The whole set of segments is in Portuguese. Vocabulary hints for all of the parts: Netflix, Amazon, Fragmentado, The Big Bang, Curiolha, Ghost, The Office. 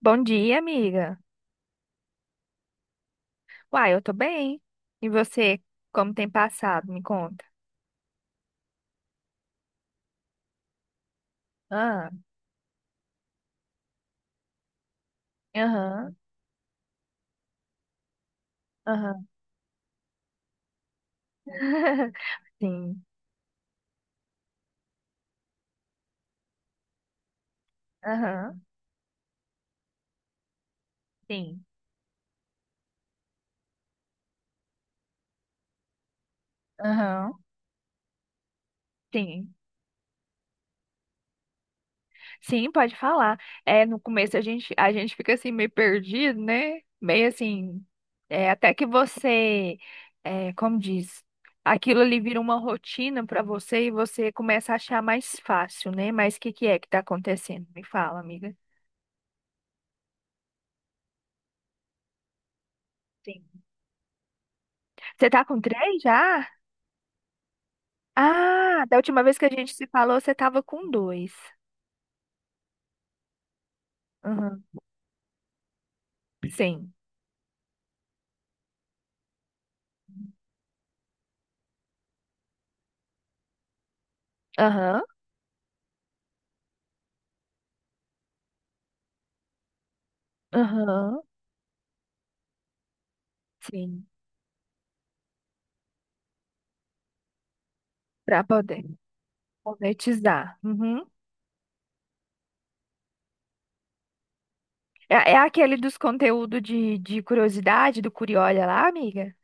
Bom dia, amiga. Uai, eu tô bem. E você, como tem passado? Me conta. Ah, aham, aham, Sim, aham, sim, aham. Sim. Sim, pode falar. É, no começo a gente fica assim meio perdido, né? Meio assim, até que você, como diz, aquilo ali vira uma rotina pra você e você começa a achar mais fácil, né? Mas o que que é que tá acontecendo? Me fala, amiga. Sim. Você tá com três já? Ah, da última vez que a gente se falou, você tava com dois. Aham. Sim. Aham. Aham. Sim. Pra poder monetizar. Uhum. É aquele dos conteúdos de curiosidade, do Curiolha lá, amiga?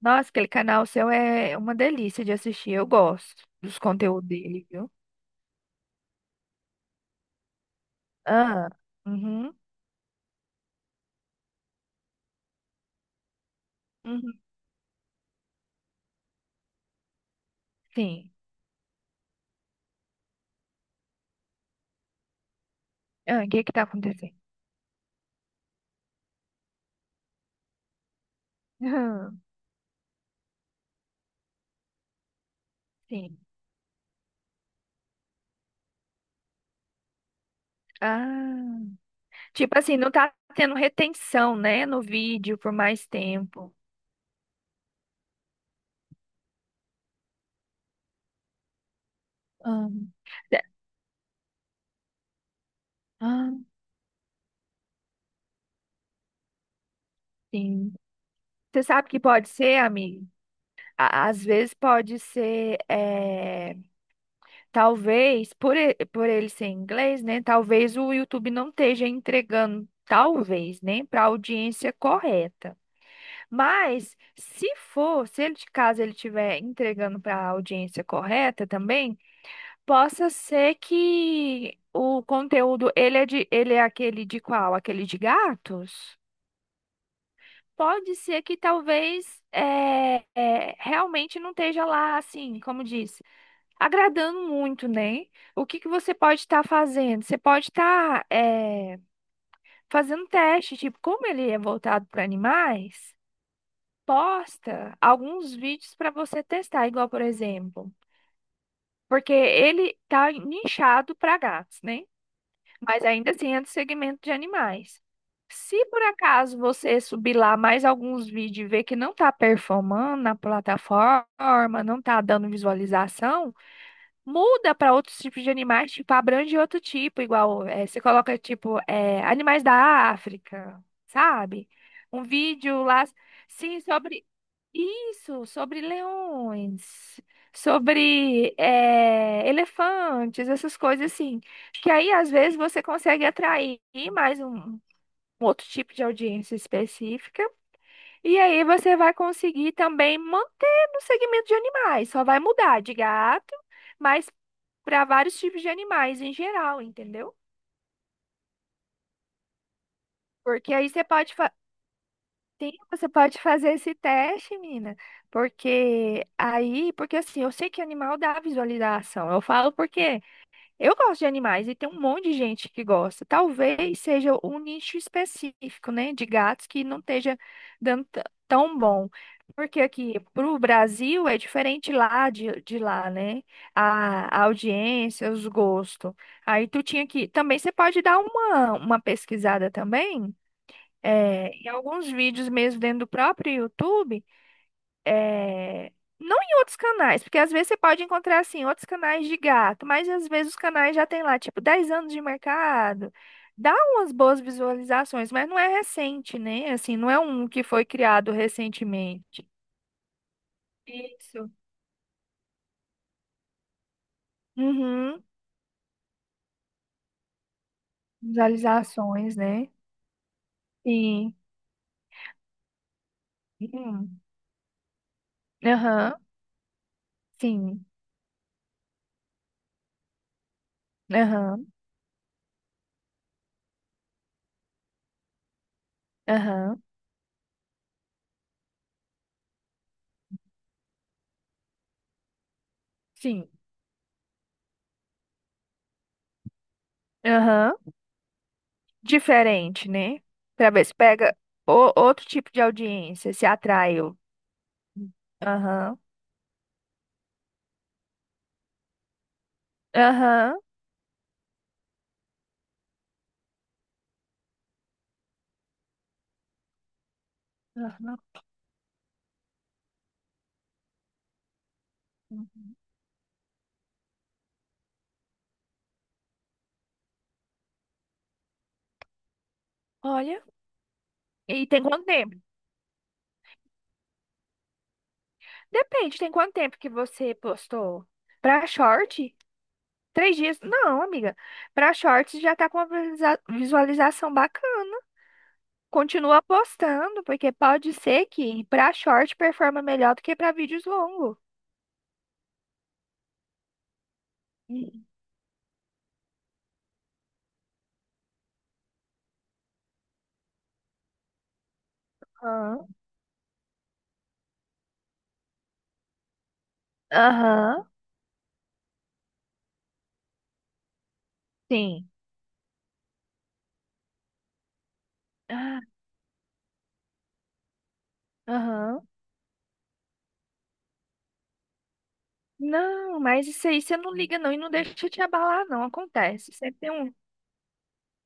Nossa, aquele canal seu é uma delícia de assistir. Eu gosto dos conteúdos dele, viu? Ah. Uhum. Uhum. Sim. Ah, o que que tá acontecendo? Aham. Sim. Ah. Tipo assim, não tá tendo retenção, né, no vídeo por mais tempo. Ah, ah, sim. Você sabe que pode ser, amiga? Às vezes pode ser, talvez, por ele ser inglês, né? Talvez o YouTube não esteja entregando, talvez, né? Para a audiência correta. Mas, se for, se ele de caso ele estiver entregando para a audiência correta também, possa ser que o conteúdo, ele é de, ele é aquele de qual? Aquele de gatos? Pode ser que talvez é, realmente não esteja lá, assim, como disse, agradando muito, né? O que que você pode estar fazendo? Você pode estar é, fazendo teste, tipo, como ele é voltado para animais, posta alguns vídeos para você testar, igual, por exemplo, porque ele tá nichado para gatos, né? Mas ainda assim é do segmento de animais. Se por acaso você subir lá mais alguns vídeos e ver que não está performando na plataforma, não está dando visualização, muda para outros tipos de animais, tipo, abrange outro tipo, igual você coloca, tipo, animais da África, sabe? Um vídeo lá, sim, sobre isso, sobre leões, sobre elefantes, essas coisas assim. Que aí, às vezes, você consegue atrair mais um outro tipo de audiência específica. E aí, você vai conseguir também manter no segmento de animais. Só vai mudar de gato, mas para vários tipos de animais em geral, entendeu? Porque aí você pode fazer. Sim, você pode fazer esse teste, menina, porque aí, porque assim, eu sei que animal dá visualização. Eu falo porque eu gosto de animais e tem um monte de gente que gosta. Talvez seja um nicho específico, né, de gatos que não esteja dando tão bom. Porque aqui pro Brasil é diferente lá de lá, né? A audiência, os gostos. Aí tu tinha que. Também você pode dar uma pesquisada também em alguns vídeos mesmo dentro do próprio YouTube, é, não em outros canais, porque às vezes você pode encontrar assim outros canais de gato, mas às vezes os canais já tem lá tipo 10 anos de mercado, dá umas boas visualizações, mas não é recente, né? Assim, não é um que foi criado recentemente. Isso. Uhum. Visualizações, né? Sim. Uhum. Aham. Sim. Aham. Aham. Sim. Aham. Diferente, né? Pra ver se pega outro tipo de audiência, se atraiu. Aham. Aham. Aham. Uhum. Olha. E tem quanto tempo? Depende, tem quanto tempo que você postou? Pra short? 3 dias? Não, amiga. Pra shorts já tá com uma visualização bacana. Continua postando, porque pode ser que pra short performa melhor do que pra vídeos longos. Aham. Aham. Sim. Ah, aham. Não, mas isso aí você não liga não e não deixa te abalar não, acontece. Sempre tem um.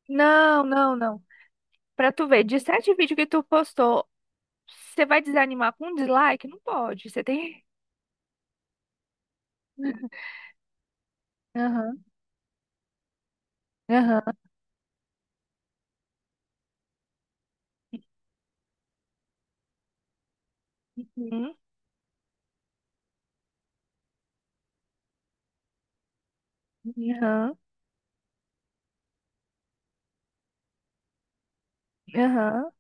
Não, não, não. Pra tu ver, de 7 vídeos que tu postou, você vai desanimar com um dislike? Não pode. Você tem. Aham, aham, uhum, aham, aham.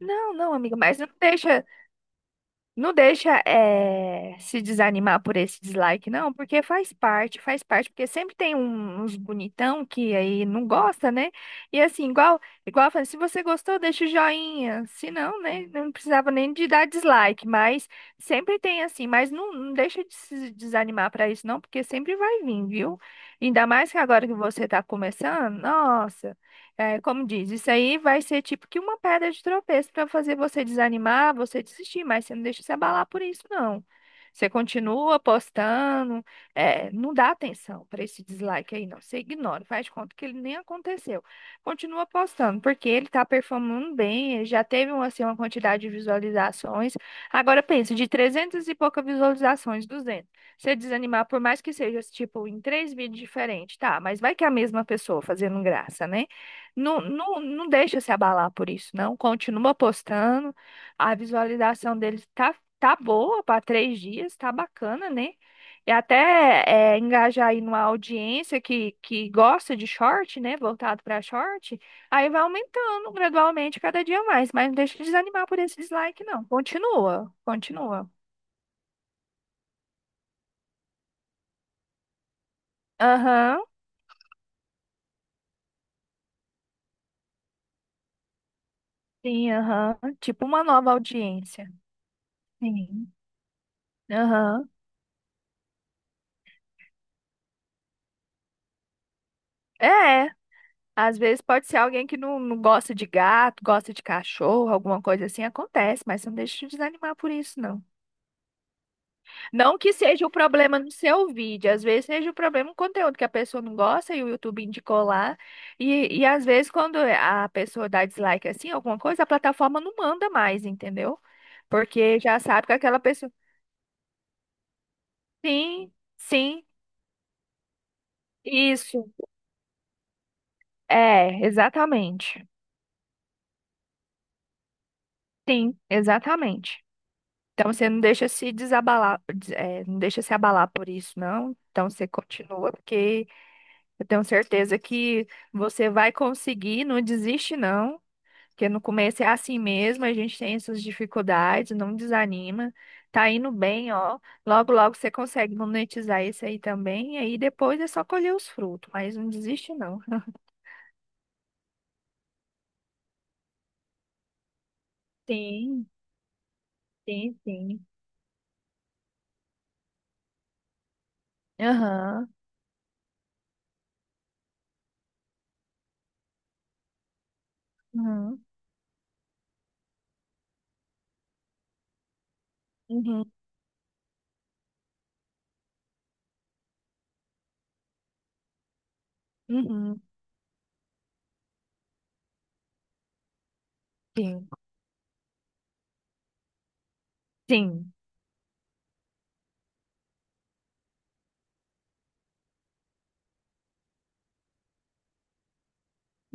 Não, não, amiga, mas não deixa. Não deixa se desanimar por esse dislike, não, porque faz parte, porque sempre tem uns bonitão que aí não gosta, né? E assim, igual eu falei, se você gostou, deixa o joinha. Se não, né? Não precisava nem de dar dislike, mas sempre tem assim, mas não, não deixa de se desanimar para isso, não, porque sempre vai vir, viu? Ainda mais que agora que você tá começando, nossa. É, como diz, isso aí vai ser tipo que uma pedra de tropeço para fazer você desanimar, você desistir, mas você não deixa se abalar por isso, não. Você continua postando, não dá atenção para esse dislike aí, não. Você ignora, faz de conta que ele nem aconteceu. Continua postando, porque ele tá performando bem, ele já teve um, assim, uma quantidade de visualizações. Agora pensa, de 300 e poucas visualizações, 200. Você desanimar, por mais que seja tipo em 3 vídeos diferentes, tá? Mas vai que é a mesma pessoa fazendo graça, né? Não, não, não deixa se abalar por isso, não. Continua postando. A visualização dele tá, boa para 3 dias, tá bacana, né? E até engajar aí numa audiência que gosta de short, né? Voltado para short. Aí vai aumentando gradualmente cada dia mais. Mas não deixa de desanimar por esse dislike, não. Continua, continua. Aham, sim, aham. Tipo uma nova audiência. Sim. Aham. É. Às vezes pode ser alguém que não, não gosta de gato, gosta de cachorro, alguma coisa assim, acontece, mas não deixa de desanimar por isso, não. Não que seja o problema no seu vídeo, às vezes seja o problema no conteúdo que a pessoa não gosta e o YouTube indicou lá. E às vezes quando a pessoa dá dislike assim, alguma coisa, a plataforma não manda mais, entendeu? Porque já sabe que aquela pessoa. Sim, sim, isso. É, exatamente. Sim, exatamente. Então você não deixa se desabalar, não deixa se abalar por isso, não. Então você continua, porque eu tenho certeza que você vai conseguir, não desiste, não. Porque no começo é assim mesmo, a gente tem essas dificuldades, não desanima. Tá indo bem, ó. Logo, logo você consegue monetizar isso aí também, e aí depois é só colher os frutos, mas não desiste, não. Sim, sim, sim. Aham, aham, uhum, uhum, sim, sim,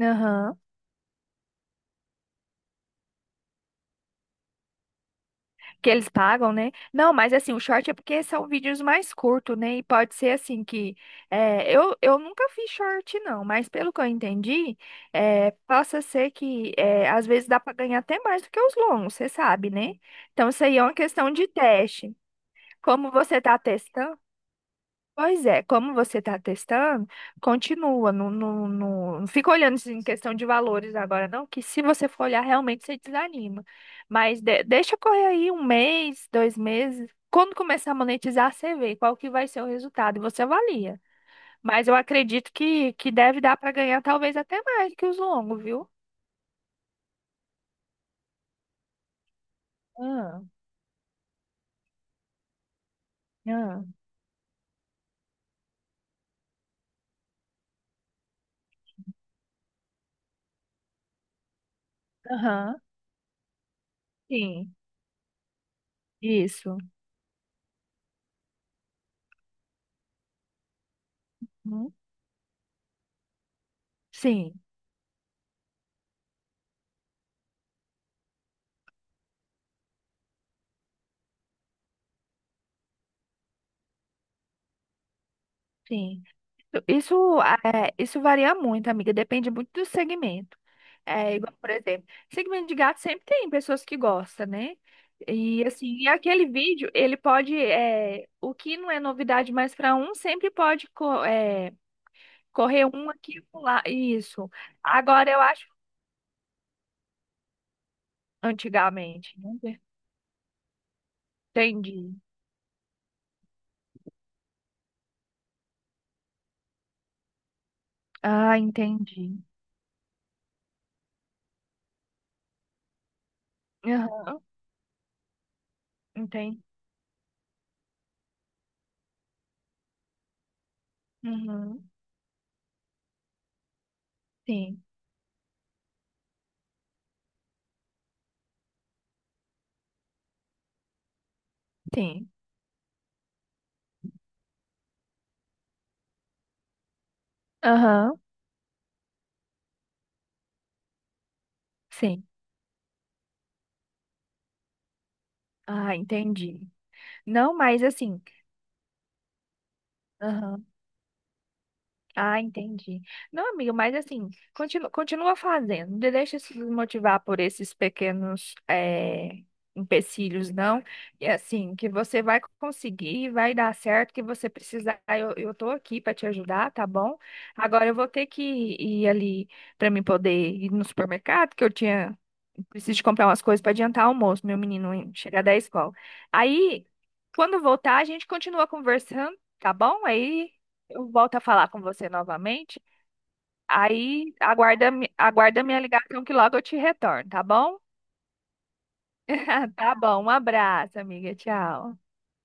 aham. Que eles pagam, né? Não, mas assim, o short é porque são vídeos mais curtos, né? E pode ser assim que eu nunca fiz short, não, mas pelo que eu entendi, possa ser que às vezes dá para ganhar até mais do que os longos, você sabe, né? Então isso aí é uma questão de teste. Como você está testando. Pois é, como você está testando, continua, não, não, não, não fica olhando isso em questão de valores agora, não, que se você for olhar, realmente você desanima. Mas deixa correr aí um mês, 2 meses. Quando começar a monetizar, você vê qual que vai ser o resultado e você avalia. Mas eu acredito que, deve dar para ganhar talvez até mais que os longos, viu? Ah, ah, aham. Sim, isso. Hum. Sim, sim. Isso, isso varia muito, amiga, depende muito do segmento. É igual, por exemplo, segmento de gato sempre tem pessoas que gostam, né? E assim, e aquele vídeo, ele pode, o que não é novidade mais para um, sempre pode correr um aqui e pular. Isso. Agora eu acho, antigamente, né? Entendi. Ah, entendi. Aham, entendi. Uhum. Sim, sim. Aham, sim. Ah, entendi. Não, mas assim. Ah, entendi. Não, amigo, mas assim, continua, continua fazendo. Não deixa se desmotivar por esses pequenos empecilhos, não. E assim, que você vai conseguir, vai dar certo, que você precisar, eu tô aqui para te ajudar, tá bom? Agora eu vou ter que ir ali para mim poder ir no supermercado, que eu tinha, preciso de comprar umas coisas para adiantar o almoço, meu menino chegar da escola. Aí, quando voltar, a gente continua conversando, tá bom? Aí eu volto a falar com você novamente. Aí aguarda, aguarda minha ligação que logo eu te retorno, tá bom? Tá bom, um abraço, amiga. Tchau.